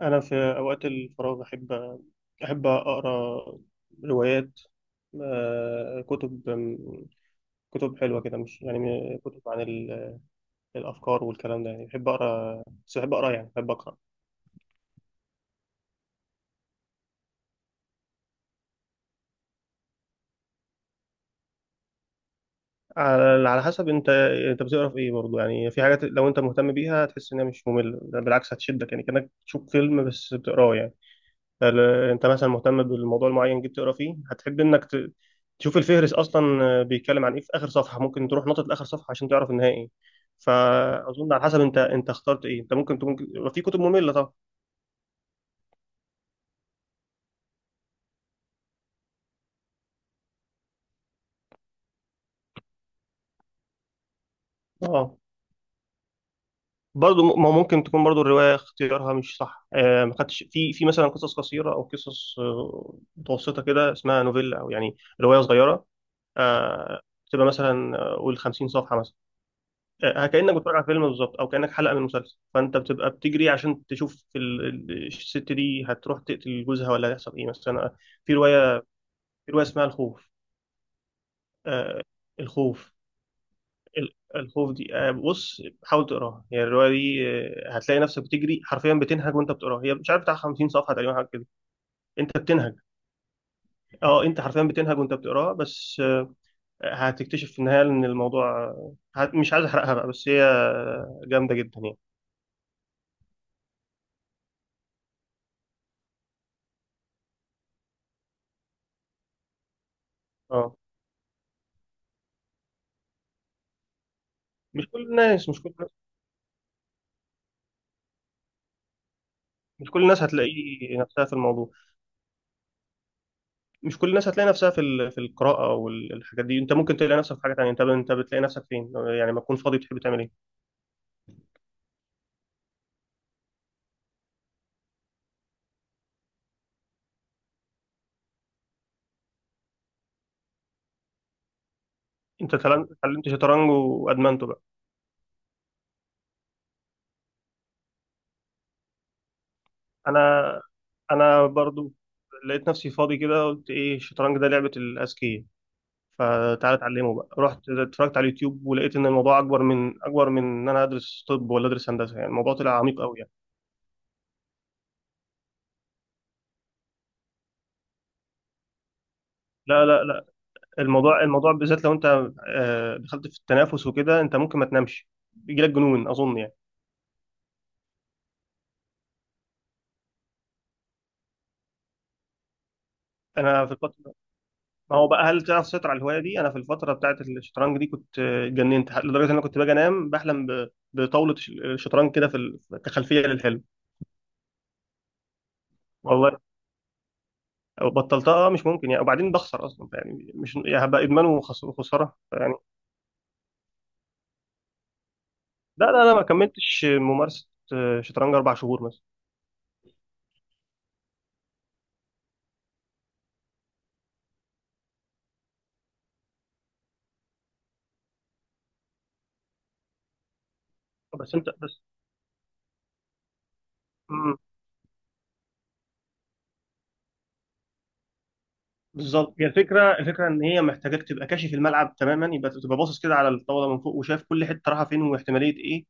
أنا في أوقات الفراغ أحب أقرأ روايات. كتب، كتب حلوة كده، مش يعني كتب عن الأفكار والكلام ده. يعني بحب أقرأ، بس بحب أقرأ، يعني بحب أقرأ على حسب أنت بتقرأ في إيه برضه؟ يعني في حاجات لو أنت مهتم بيها هتحس إنها مش مملة، ده بالعكس هتشدك، يعني كأنك تشوف فيلم بس بتقراه يعني. انت مثلا مهتم بالموضوع المعين جيت تقرا فيه، هتحب انك تشوف الفهرس اصلا. بيتكلم عن ايه في اخر صفحه، ممكن تروح نقطه لاخر صفحه عشان تعرف النهايه ايه. فاظن على حسب انت اخترت ايه. انت ممكن تكون يبقى في كتب ممله طبعا. اه، برضه ما هو ممكن تكون برضه الروايه اختيارها مش صح. آه، ما خدتش في مثلا قصص قصيره، او قصص متوسطه كده اسمها نوفيلا، او يعني روايه صغيره. آه، بتبقى مثلا قول 50 صفحه مثلا. كأنك بتتفرج على فيلم بالظبط، او كأنك حلقة من مسلسل، فانت بتبقى بتجري عشان تشوف الست دي هتروح تقتل جوزها ولا هيحصل ايه مثلا. في رواية، اسمها الخوف. آه، الخوف. الخوف دي بص حاول تقراها. يعني الرواية دي هتلاقي نفسك بتجري حرفيا، بتنهج وانت بتقراها. هي مش عارف بتاع 50 صفحة تقريبا، حاجة كده. انت بتنهج. اه انت حرفيا بتنهج وانت بتقراها، بس هتكتشف في النهاية ان الموضوع مش عايز احرقها بقى، بس هي جامدة جدا يعني. اه، مش كل الناس مش كل مش كل الناس هتلاقي نفسها في الموضوع. مش كل الناس هتلاقي نفسها في في القراءة والحاجات دي. انت ممكن تلاقي نفسك في حاجة تانية. انت بتلاقي نفسك فين؟ يعني ما تكون فاضي تحب تعمل ايه؟ انت اتعلمت شطرنج وادمنته بقى. انا، برضو لقيت نفسي فاضي كده، قلت ايه الشطرنج ده لعبة الاذكياء، فتعالى اتعلمه بقى. رحت اتفرجت على اليوتيوب، ولقيت ان الموضوع اكبر من ان انا ادرس طب ولا ادرس هندسة، يعني الموضوع طلع عميق قوي يعني. لا لا لا، الموضوع بالذات لو انت دخلت في التنافس وكده، انت ممكن ما تنامش، بيجيلك جنون اظن يعني. انا في الفتره ما هو بقى هل تعرف تسيطر على الهوايه دي؟ انا في الفتره بتاعت الشطرنج دي كنت اتجننت لدرجه ان انا كنت باجي انام بحلم بطاوله شطرنج كده في كخلفيه للحلم. والله بطلتها، مش ممكن يعني، وبعدين بخسر اصلا يعني، مش يعني هبقى ادمان وخساره يعني. لا لا لا، ما كملتش ممارسه. شطرنج 4 شهور مثلا. بس انت بس بالظبط هي الفكره، الفكره ان هي محتاجاك تبقى كاشف الملعب تماما، يبقى تبقى باصص كده على الطاوله من فوق وشايف كل حته رايحه فين واحتماليه ايه،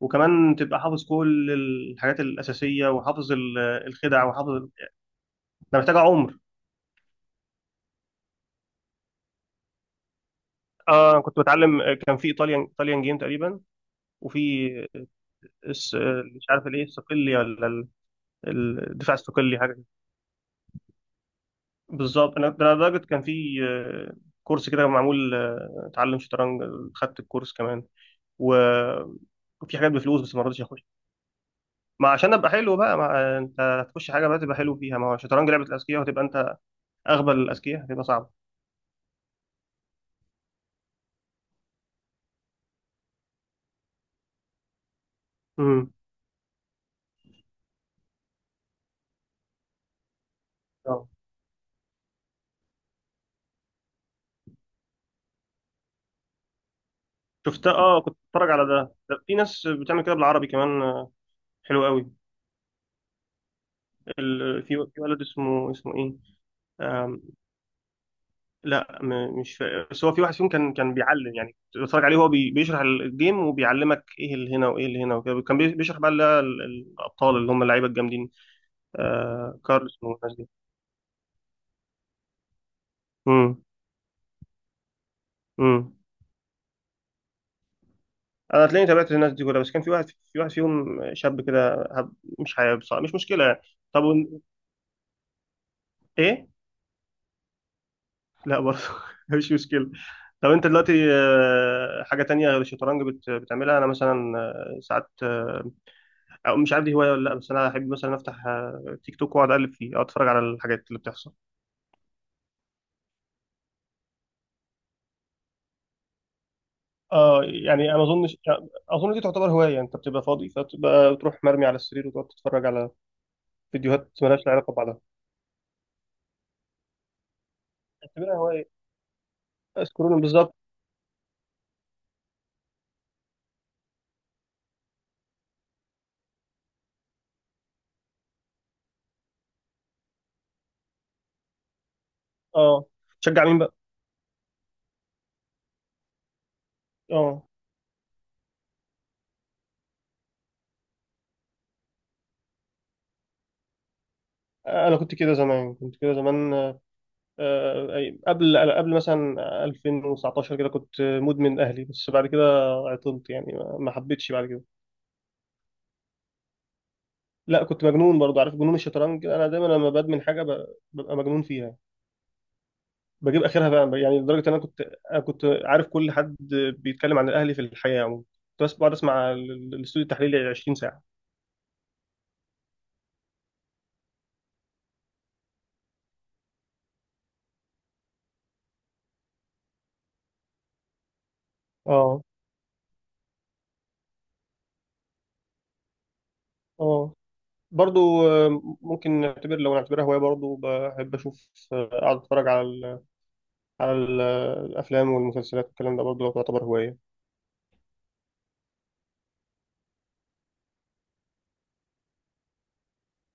وكمان تبقى حافظ كل الحاجات الاساسيه، وحافظ الخدع، وحافظ. ده محتاجه عمر. اه أنا كنت بتعلم، كان في ايطاليان جيم تقريبا، وفي الس- مش عارف الايه الصقلي ولا الدفاع الصقلي حاجه كده. بالظبط. انا ده لدرجه كان في كورس كده معمول تعلم شطرنج. خدت الكورس كمان، و وفي حاجات بفلوس بس ما رضيتش اخش. ما عشان ابقى حلو بقى، ما انت هتخش حاجه بقى تبقى حلو فيها، ما هو الشطرنج لعبه الاذكياء، وهتبقى انت اغبى الاذكياء هتبقى صعبه. امم. اه شفتها. اه كنت بتفرج على ده، ده في ناس بتعمل كده بالعربي كمان. حلو قوي. ال... في ولد اسمه اسمه ايه. آم... لا م... مش فا... بس هو في واحد فيهم كان بيعلم يعني، كنت بتفرج عليه وهو بي... بيشرح الجيم وبيعلمك ايه اللي هنا وايه اللي هنا وكده، كان بيشرح بقى اللي هي الابطال اللي هم اللعيبه الجامدين. آه... كارلس والناس دي. امم. انا تلاقيني تابعت الناس دي كلها، بس كان في واحد فيهم شاب كده مش حابب صح، مش مشكله يعني. طب ايه، لا برضه مش مشكله. طب انت دلوقتي حاجه تانية غير الشطرنج بتعملها؟ انا مثلا آه، ساعات آه، او مش عارف دي هوايه ولا لا، بس انا احب مثلا افتح تيك توك واقعد اقلب فيه، او اتفرج على الحاجات اللي بتحصل. اه يعني انا ما اظنش، اظن دي تعتبر هوايه. انت بتبقى فاضي فتبقى بتروح مرمي على السرير وتقعد تتفرج على فيديوهات مالهاش علاقه ببعضها. اعتبرها هوايه. سكرولنج بالظبط. اه تشجع مين بقى؟ اه انا كنت كده زمان، كنت كده زمان، قبل مثلا 2019 كده كنت مدمن اهلي. بس بعد كده عطلت يعني، ما حبيتش بعد كده. لا كنت مجنون برضه، عارف جنون الشطرنج كده، انا دايما لما بدمن حاجه ببقى مجنون فيها. بجيب اخرها بقى، يعني لدرجه ان انا كنت عارف كل حد بيتكلم عن الاهلي في الحياه عموما. كنت بس بقعد اسمع الاستوديو التحليلي 20 ساعه. اه. اه برضو ممكن نعتبر لو نعتبرها هواية، برضو بحب أشوف. أقعد أتفرج على على الافلام والمسلسلات والكلام ده برضه، لو تعتبر هوايه.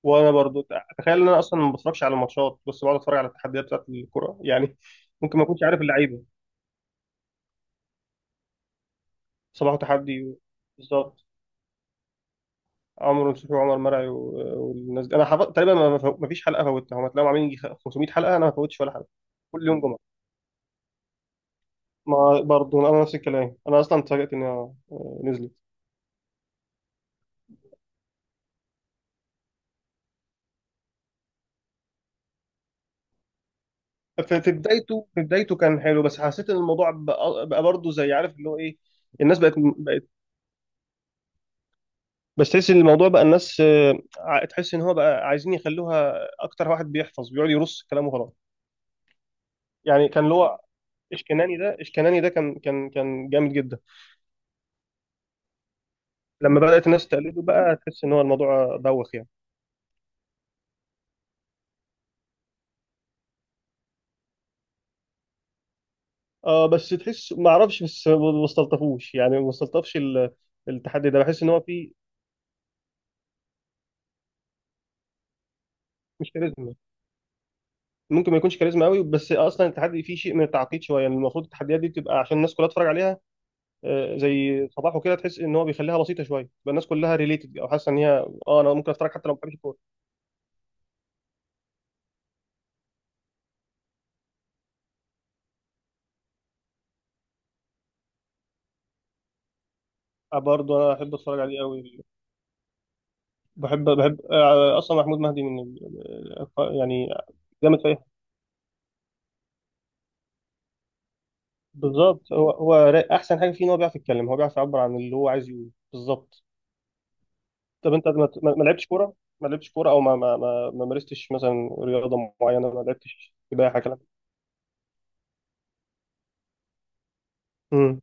وانا برضه تخيل ان انا اصلا ما بتفرجش على الماتشات، بس بقعد اتفرج على التحديات بتاعت الكوره يعني. ممكن ما اكونش عارف اللعيبه. صباح تحدي بالظبط. عمرو نصوحي وعمر مرعي والناس دي انا حفظت تقريبا، ما فيش حلقه فوتها، هم تلاقيهم عاملين يجي 500 حلقه. انا ما فوتش ولا حلقه. كل يوم جمعه. ما برضه انا نفس الكلام، انا اصلا اتفاجئت انها نزلت. في بدايته كان حلو، بس حسيت ان الموضوع بقى، برضه زي عارف اللي هو ايه. الناس بقت. بس تحس ان الموضوع بقى الناس، تحس ان هو بقى عايزين يخلوها، اكتر واحد بيحفظ بيقعد يرص كلامه خلاص. يعني كان اللي هو اشكناني ده كان جامد جدا. لما بدات الناس تقلده بقى، تحس ان هو الموضوع بوخ يعني. اه بس تحس ما اعرفش، بس ما استلطفوش يعني، ما استلطفش التحدي ده، بحس ان هو فيه مش كاريزما، ممكن ما يكونش كاريزما قوي. بس اصلا التحدي فيه شيء من التعقيد شويه يعني، المفروض التحديات دي بتبقى عشان الناس كلها تتفرج عليها. زي صباحه كده، تحس ان هو بيخليها بسيطه شويه بقى الناس كلها ريليتد، او حاسه ان هي اه انا ممكن اتفرج حتى لو ما بحبش الكوره. برضه انا احب اتفرج عليه قوي. بحب اصلا محمود مهدي من يعني جامد فيها. بالظبط. هو احسن حاجه فيه ان هو بيعرف يتكلم، هو بيعرف يعبر عن اللي هو عايز يقوله بالظبط. طب انت ما لعبتش كوره؟ ما لعبتش كوره، او ما مارستش مثلا رياضه معينه، ما لعبتش سباحه كلام. امم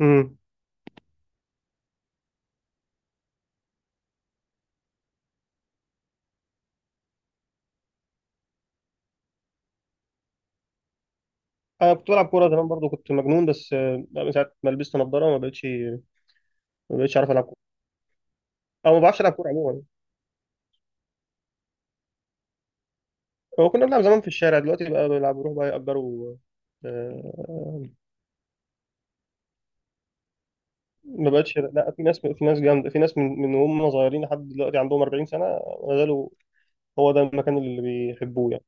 امم انا كنت بلعب كوره زمان برضو، كنت مجنون، بس من ساعه ما لبست نظاره ما بقتش عارف العب كوره. او ما بعرفش العب كوره عموما. هو كنا بنلعب زمان في الشارع، دلوقتي بقى بلعب بروح بقى يأجروا. آه، ما بقتش. لا في ناس جامده، في ناس من هم صغيرين لحد دلوقتي عندهم 40 سنه ما زالوا، هو ده المكان اللي بيحبوه يعني.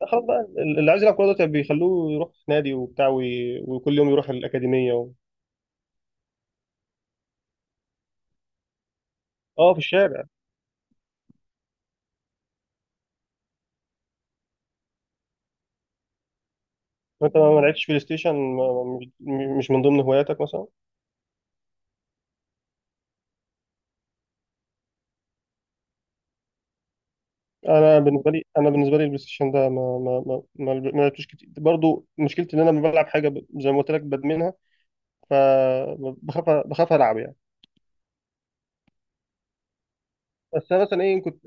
خلاص بقى اللي عايز يلعب كوره دلوقتي بيخلوه يروح في نادي وبتاع وكل يوم يروح الاكاديميه و... اه في الشارع. انت ما لعبتش بلاي ستيشن؟ مش، مش من ضمن هواياتك مثلا؟ انا بالنسبه لي البلاي ستيشن ده ما لعبتوش كتير برضو. مشكلتي ان انا لما بلعب حاجه زي ما قلت لك بدمنها، فبخاف، بخاف العب يعني. بس انا مثلا ايه كنت،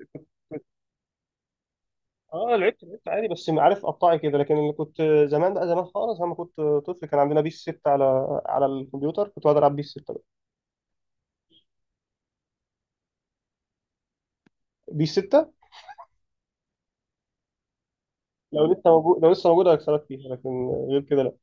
اه لعبت عادي بس عارف قطعي كده، لكن اللي كنت زمان بقى، زمان خالص لما كنت طفل كان عندنا بيس 6 على على الكمبيوتر، كنت بقعد العب بيس 6 بقى. بيس 6 لو لسه موجود، لو لسه موجوده هكسبك فيها، لكن غير كده.